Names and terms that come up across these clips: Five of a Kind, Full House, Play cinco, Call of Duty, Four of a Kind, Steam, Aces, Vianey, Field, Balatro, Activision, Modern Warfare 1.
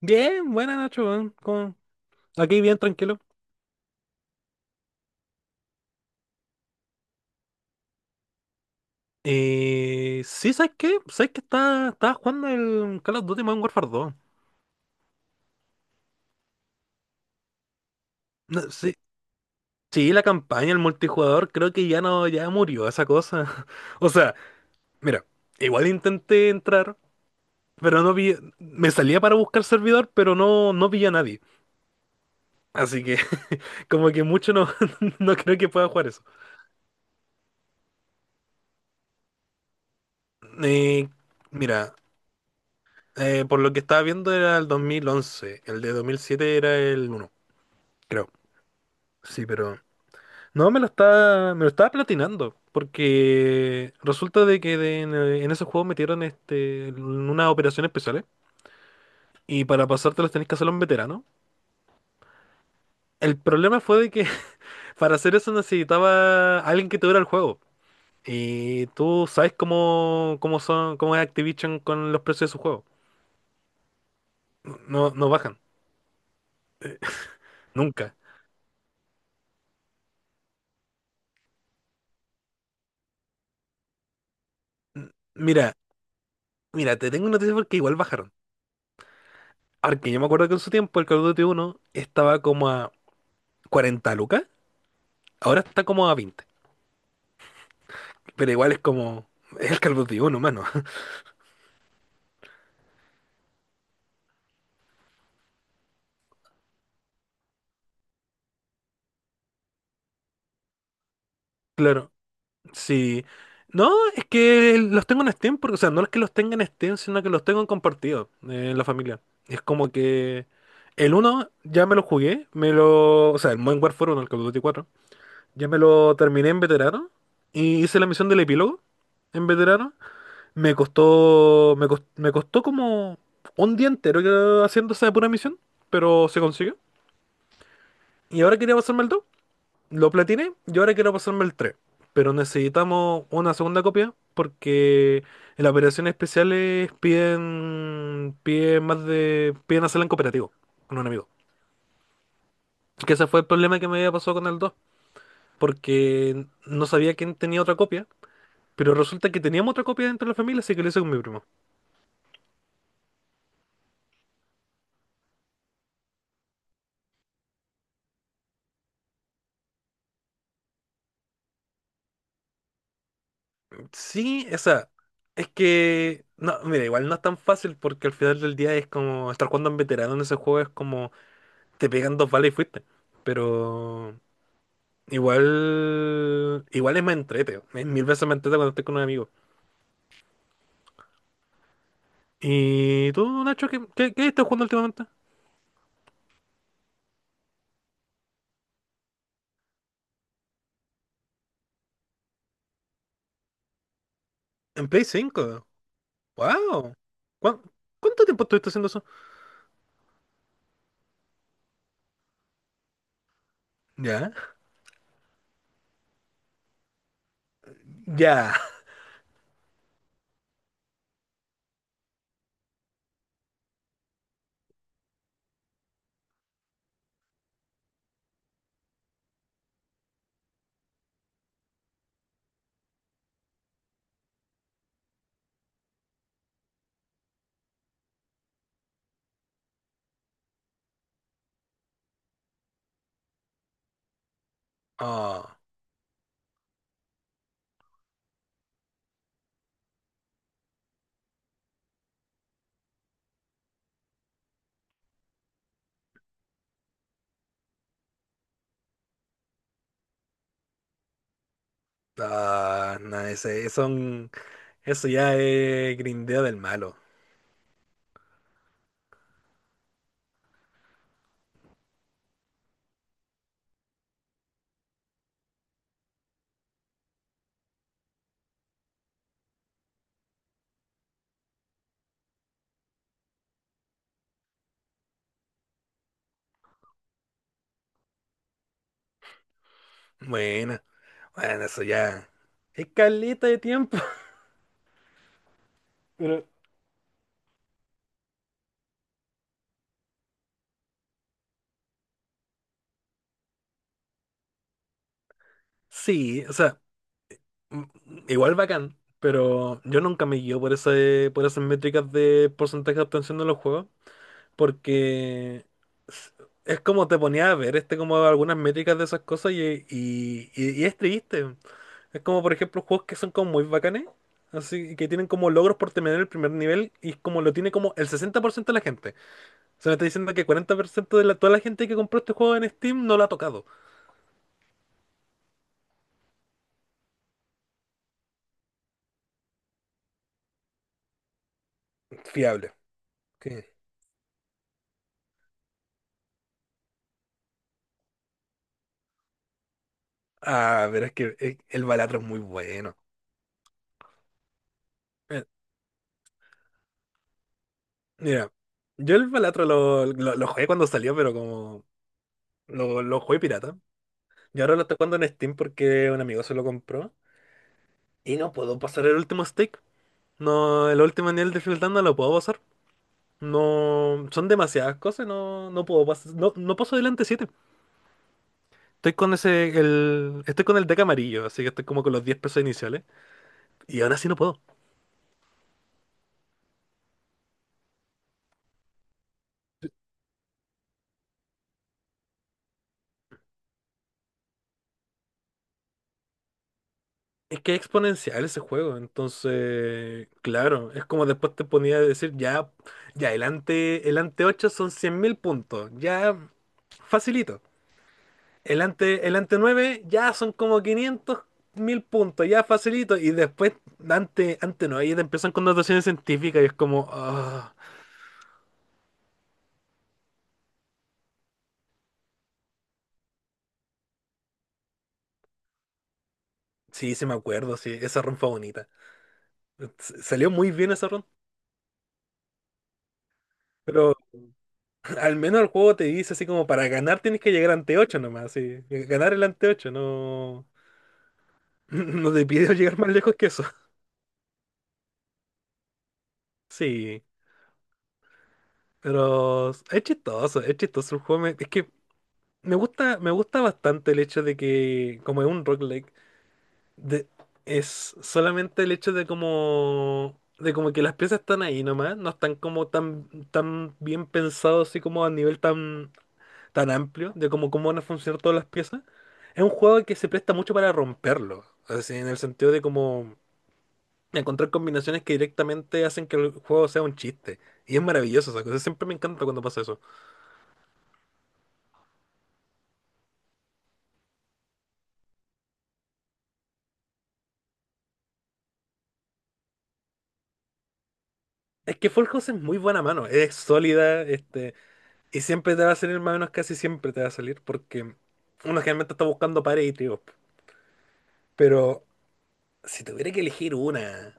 Bien, buena Nacho, weón. Aquí bien tranquilo. Sí, ¿sabes qué? ¿Sabes que estaba jugando el Call of Duty Modern Warfare 2? No, sí, sí, la campaña, el multijugador, creo que ya no, ya murió esa cosa. O sea, mira, igual intenté entrar, pero no vi, me salía para buscar servidor, pero no vi a nadie. Así que como que mucho no, no creo que pueda jugar eso. Eh, Mira, por lo que estaba viendo era el 2011, el de 2007 era el uno, creo. Sí, pero... No, me lo estaba platinando, porque resulta de que en esos juegos metieron unas operaciones especiales y para pasártelas tenés que hacerlo en veterano. El problema fue de que para hacer eso necesitaba alguien que te dura el juego. Y tú sabes cómo son, cómo es Activision con los precios de sus juegos. No bajan, nunca. Mira, mira, te tengo una noticia porque igual bajaron. Ahora yo me acuerdo que en su tiempo el Call of Duty uno estaba como a 40 lucas, ahora está como a 20. Pero igual es el Call of Duty uno, mano. Claro, sí. No, es que los tengo en Steam, porque, o sea, no es que los tenga en Steam, sino que los tengo en compartido, en la familia. Es como que el uno ya me lo jugué, o sea, el Modern Warfare 1, el Call of Duty cuatro ya me lo terminé en veterano y hice la misión del epílogo en veterano. Me costó como un día entero, haciendo esa pura misión, pero se consiguió. Y ahora quería pasarme el 2. Lo platiné y ahora quiero pasarme el tres. Pero necesitamos una segunda copia porque en las operaciones especiales piden hacerla en cooperativo con un amigo. Que ese fue el problema que me había pasado con el 2, porque no sabía quién tenía otra copia. Pero resulta que teníamos otra copia dentro de la familia, así que lo hice con mi primo. Sí, esa. Es que. No, mira, igual no es tan fácil porque al final del día es como estar jugando en veterano en ese juego, es como te pegan dos balas y fuiste. Pero. Igual, igual es más entrete, es mil veces más entrete cuando estoy con un amigo. ¿Y tú, Nacho, qué estás jugando últimamente? En Play cinco. ¡Wow! ¿Cuán- ¿Cuánto tiempo estuviste haciendo eso? ¿Ya? Ya. Oh, ah, no, eso ya es grindeo del malo. Bueno, bueno, eso ya. Es caleta de tiempo. Pero sí, o sea. mm, Igual bacán, pero yo nunca me guío por ese, por esas métricas de porcentaje de obtención de los juegos, porque s- es como te ponía a ver como algunas métricas de esas cosas y es triste. Es como por ejemplo juegos que son como muy bacanes, así que tienen como logros por terminar el primer nivel y es como lo tiene como el 60% de la gente. Se me está diciendo que 40% de la, toda la gente que compró este juego en Steam no lo ha tocado. Fiable. ¿Qué? Ah, pero es que el Balatro es muy bueno. Mira, yo el Balatro lo jugué cuando salió, pero como lo jugué pirata. Y ahora lo estoy jugando en Steam porque un amigo se lo compró. Y no puedo pasar el último stake. No, el último nivel de Field no lo puedo pasar. No, son demasiadas cosas, no puedo pasar. No, no paso delante siete. Estoy con ese, el, estoy con el deck amarillo, así que estoy como con los 10 pesos iniciales. Y aún así no puedo. Es que es exponencial ese juego, entonces, claro, es como después te ponía a decir, ya, ya, el ante 8 son 100.000 puntos, ya, facilito. El ante 9 ya son como 500.000 puntos, ya, facilito. Y después, ante 9 ya te empiezan con notaciones científicas y es como, ah, sí, sí me acuerdo, sí, esa ronda fue bonita. Salió muy bien esa ronda. Pero al menos el juego te dice así como para ganar tienes que llegar ante 8 nomás, sí. Ganar el ante 8, no. No te pide llegar más lejos que eso. Sí. Pero es chistoso el juego. Es que me gusta bastante el hecho de que, como es un rock like, de- es solamente el hecho de como, de como que las piezas están ahí nomás, no están como tan, tan bien pensados así como a nivel tan, tan amplio, de como cómo van a funcionar todas las piezas. Es un juego que se presta mucho para romperlo. Así, en el sentido de como encontrar combinaciones que directamente hacen que el juego sea un chiste. Y es maravilloso esa cosa. Siempre me encanta cuando pasa eso. Es que Fall House es muy buena mano. Es sólida, y siempre te va a salir más o menos, casi siempre te va a salir. Porque uno generalmente está buscando pares y tríos. Pero si tuviera que elegir una,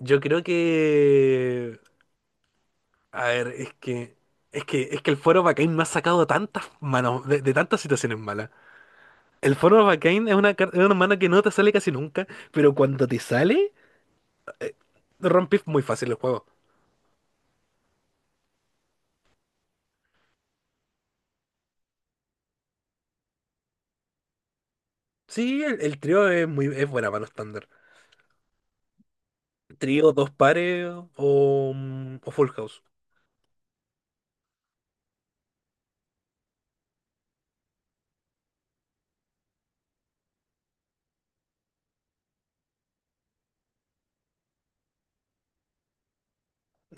yo creo que. A ver, es que. Es que el Foro Bacane me ha sacado tantas manos, de tantas situaciones malas. El Foro Bacane es una, es una mano que no te sale casi nunca, pero cuando te sale. Rompí muy fácil el juego. Sí, el trío es buena mano estándar. Trío, dos pares o full house.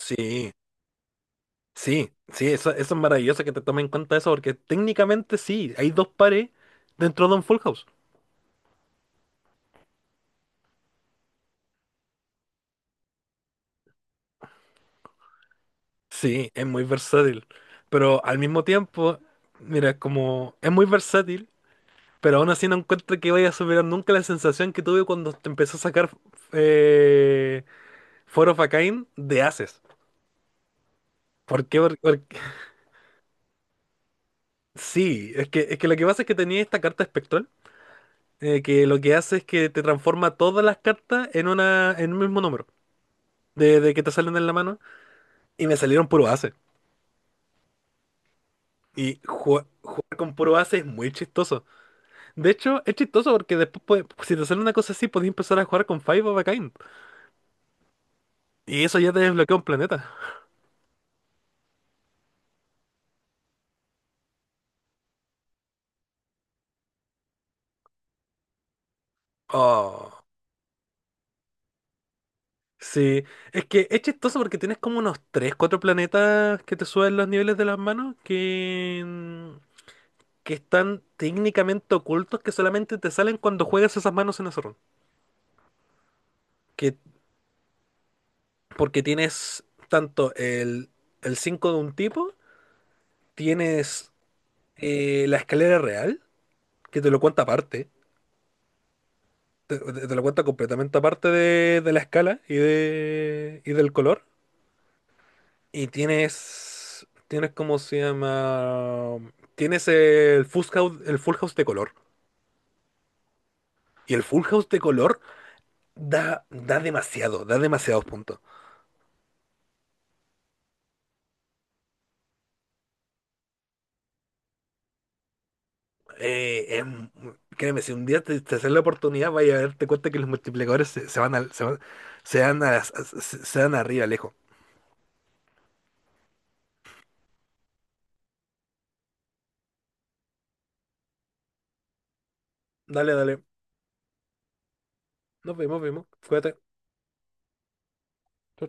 Sí, sí, sí, eso es maravilloso que te tomen en cuenta eso, porque técnicamente sí, hay dos pares dentro de un full house. Sí, es muy versátil. Pero al mismo tiempo, mira, como es muy versátil, pero aún así no encuentro que vaya a superar nunca la sensación que tuve cuando te empezó a sacar, eh, Four of a Kind de Aces. ¿Por qué? Sí, es que lo que pasa es que tenía esta carta espectral, que lo que hace es que te transforma todas las cartas en un mismo número, de que te salen en la mano, y me salieron puro ace. Y jugar con puro ace es muy chistoso. De hecho, es chistoso porque después, si te sale una cosa así, podés empezar a jugar con Five of a Kind. Y eso ya te desbloquea un planeta. Oh. Sí, es que es chistoso porque tienes como unos 3 4 planetas que te suben los niveles de las manos que... que están técnicamente ocultos, que solamente te salen cuando juegas esas manos en ese run. Que, porque tienes tanto el 5 de un tipo, tienes, la escalera real, que te lo cuenta aparte, te lo cuenta completamente aparte de la escala y, de, y del color. Y tienes, tienes, ¿cómo se llama? Tienes el full house de color. Y el full house de color da, da demasiado, da demasiados puntos. Eh, em, Créeme, si un día te haces la oportunidad, vaya a darte cuenta que los multiplicadores se van al, se van, se dan a las- se dan arriba, lejos. Dale, dale. Nos vemos, vemos. Cuídate. Chau,